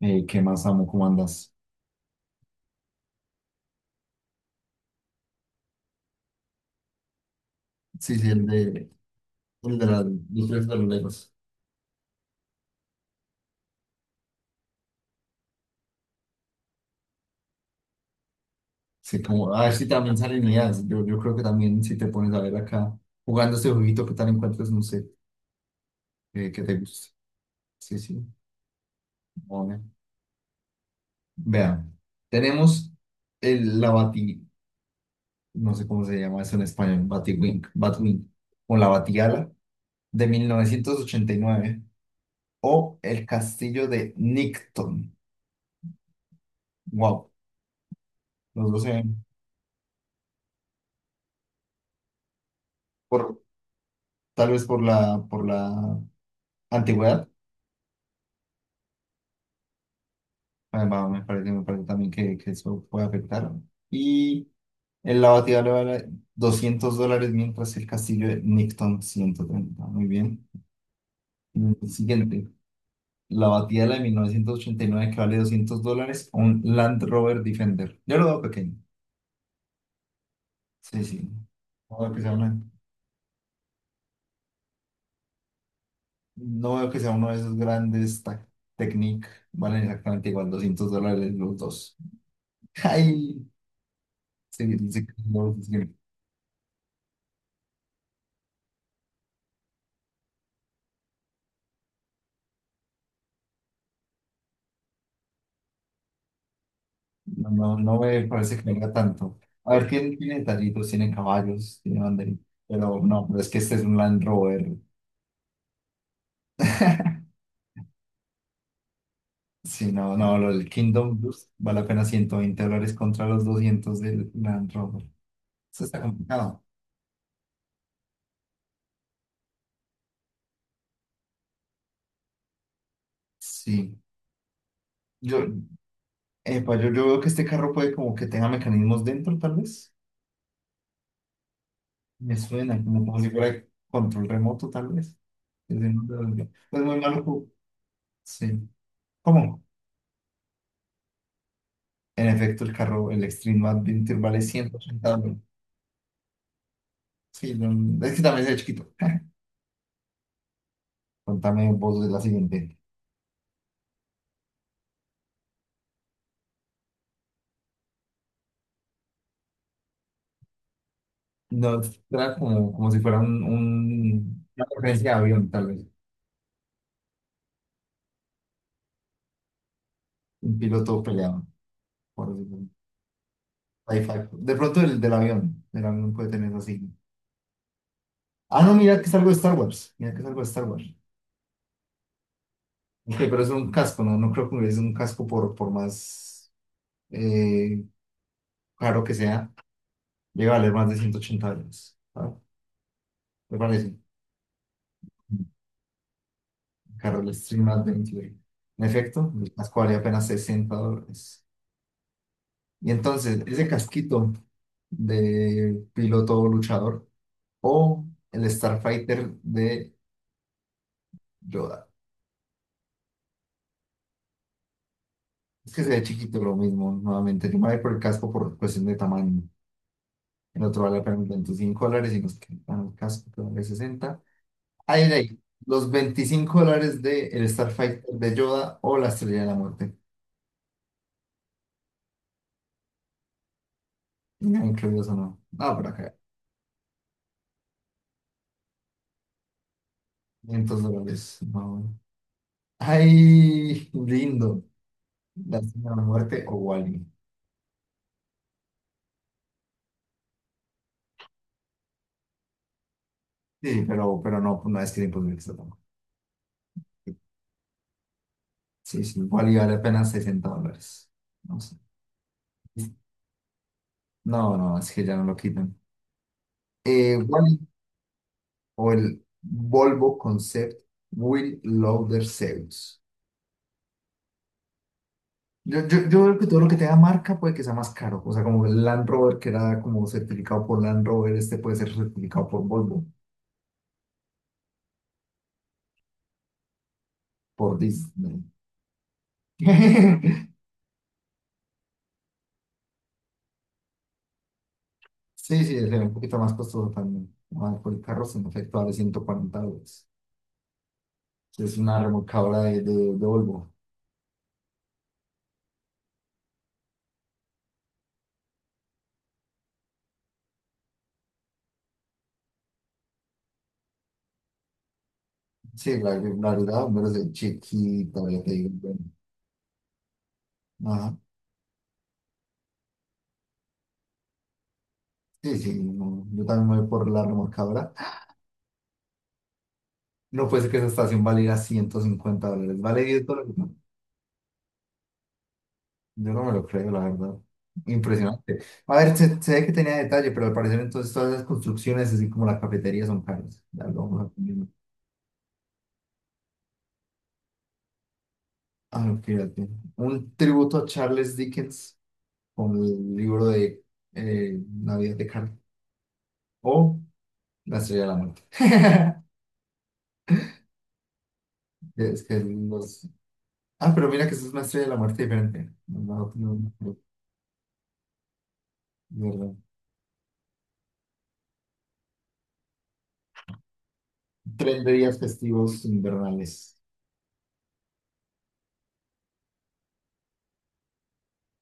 ¿Qué más amo? ¿Cómo andas? Sí, sí, el de las luces de los Legos. Sí, como, a ver si también salen ideas. Yo creo que también si te pones a ver acá, jugando este jueguito, ¿qué tal encuentras? No sé, que te guste. Sí, sí, bueno. Vean, tenemos la bati, no sé cómo se llama eso en español, batiwing, batwing, o la batiala de 1989 o el castillo de Nicton. Wow, los dos se ven, por, tal vez por la antigüedad, va, me parece también que eso puede afectar. Y el la batida le vale $200, mientras el castillo de Nixon 130. Muy bien. Mm, siguiente, la batidora de 1989 que vale $200, un Land Rover Defender. Yo lo veo pequeño. Sí, sí. No veo que sea una- No veo que sea uno de esos Technic. Valen exactamente igual, $200 los dos. Ay, sí, sí, sí. Sí. No, no, no me parece que venga tanto. A ver, ¿quién tiene detallitos? Tiene caballos, tiene banderín. Pero no, pero es que este es un Land Rover. Si no, no, lo del Kingdom Blues vale apenas $120 contra los 200 del Land Rover. Eso está complicado. Sí. Yo, yo veo que este carro puede como que tenga mecanismos dentro, tal vez. Me suena como, como si fuera control remoto, tal vez. Es de- es muy maluco. Sí. ¿Cómo? En efecto, el carro, el Extreme Adventure vale 180 dólares. Sí, no, es que también es de chiquito. Contame vos de la siguiente. No, era como, como si fuera un- una referencia de avión, tal vez. Un piloto peleado, por decirlo. Sci-fi. De pronto el del avión. El avión puede tener así. Ah, no, mira que es algo de Star Wars. Mira que es algo de Star Wars. Ok, pero es un casco, ¿no? No creo que es un casco por más eh, caro que sea. Llega a valer más de 180 dólares. ¿Sabes? ¿Te parece? Carol Stream Adventure. En efecto, las cobraría apenas $60. Y entonces, ese casquito de piloto luchador o el Starfighter de Yoda. Es que se ve chiquito lo mismo, nuevamente. Yo me voy por el casco por cuestión de tamaño. El otro vale apenas $25 y nos quedan el casco que vale 60. Ahí, ahí, los $25 de el Starfighter de Yoda o la Estrella de la Muerte. Ya incluidos o no. Ah, por acá. 500 dólares. No. Ay, lindo. La Estrella de la Muerte o Wally. Sí, pero no, no es que era imposible que se ponga. Sí, sí, Wally vale apenas $60. No sé. No, no, es que ya no lo quitan. Wall-E o el Volvo Concept Will Loader Zeus. Yo creo que todo lo que tenga marca puede que sea más caro. O sea, como el Land Rover que era como certificado por Land Rover, este puede ser certificado por Volvo, por Disney. Sí, sí, es un poquito más costoso también. Ah, por el carro sin efecto vale 140 dólares. Sí, es una remolcadora de Volvo. Sí, la verdad, hombre, es de chiquita, ya te digo, bueno. Ajá. Sí, sí, no, yo también me voy por la remolcadora. No puede ser que esa estación valiera 150 dólares. Vale 10 dólares. No, yo no me lo creo, la verdad. Impresionante. A ver, se ve que tenía detalle, pero al parecer entonces todas las construcciones, así como la cafetería, son caras. Ya lo vamos a... poner. Ah, fíjate. Un tributo a Charles Dickens con el libro de Navidad de Kant o La Estrella de la Muerte. Es que los... Ah, pero mira que eso es una Estrella de la Muerte diferente. No, no, no, no, verdad. Tren de días festivos invernales.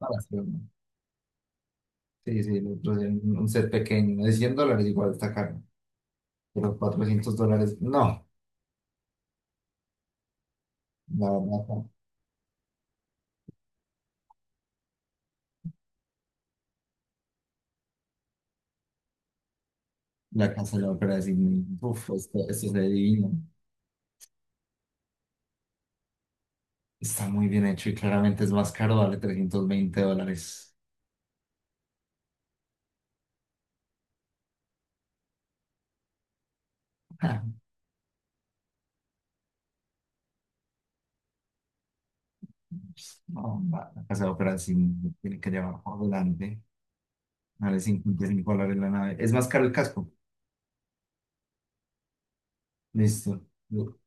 Ah, sí, no. Sí, sí, lo de un set pequeño. De $100 igual está caro. Pero $400, no. La verdad, no. La casa de la ópera de Sydney. Uf, esto se ve divino. Está muy bien hecho y claramente es más caro, vale $320. No, va, la casa de ópera sí me tiene que llevar adelante. Vale 55 dólares la nave. Es más caro el casco. Listo. Yo-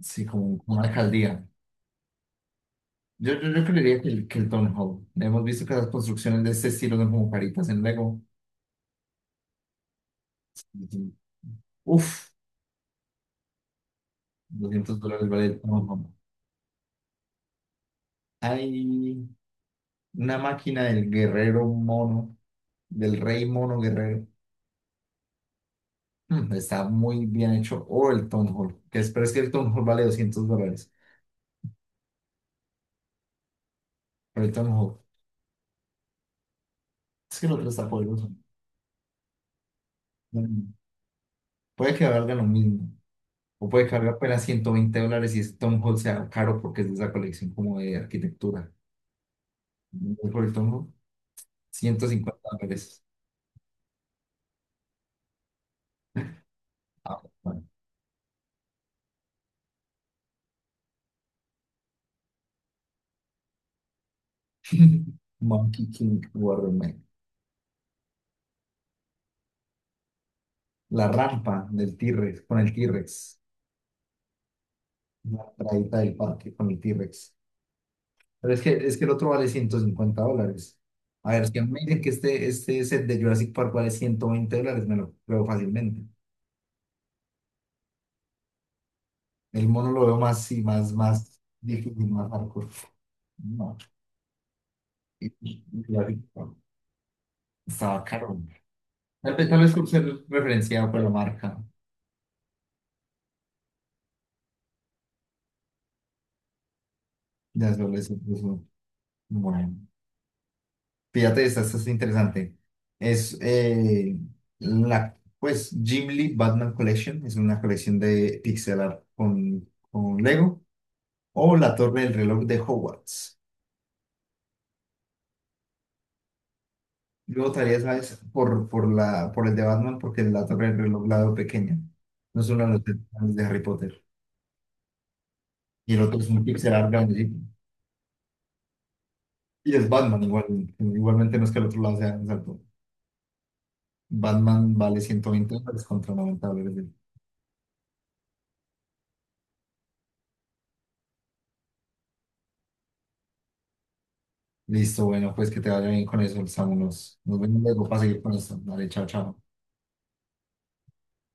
Sí, como como una alcaldía. Yo creería que que el Hall. Hemos visto que las construcciones de este estilo son como caritas en Lego. Y- Uf, 200 dólares vale el Town Hall. Hay una máquina del guerrero mono, del rey mono guerrero. Mm, está muy bien hecho. O el Town Hall. Que es, pero es que el Town Hall vale $200. Pero el Town Hall... Es que el otro está poderoso. No, no. Puede que valga lo mismo. O puede que valga apenas $120 y ese Tom Hall sea caro porque es de esa colección como de arquitectura. Voy por el Tom Hall, $150. Ah, bueno. Monkey King Waterman. La rampa del T-Rex, con el T-Rex. La traída del parque con el T-Rex. Pero es que el otro vale $150. A ver, si a mí me dicen que este set de Jurassic Park vale $120, me lo creo fácilmente. El mono lo veo más, sí, más, más difícil, más hardcore. No, y la vi, estaba caro. Tal vez por ser referenciado por la marca. Ya solo eso, eso, bueno, fíjate, esta es interesante. Es la, pues, Jim Lee Batman Collection. Es una colección de pixel art con Lego. O la Torre del Reloj de Hogwarts. Yo votaría, ¿sabes? Por el de Batman, porque la torre del reloj la veo pequeña. No son las de Harry Potter. Y el otro es un pixel art grandecito. Y es Batman, igual, igualmente no es que el otro lado sea más alto. Batman vale $120 contra $90. De- Listo, bueno, pues que te vaya bien con eso, Samu. Nos, nos vemos luego para seguir con esto. Dale, chao, chao.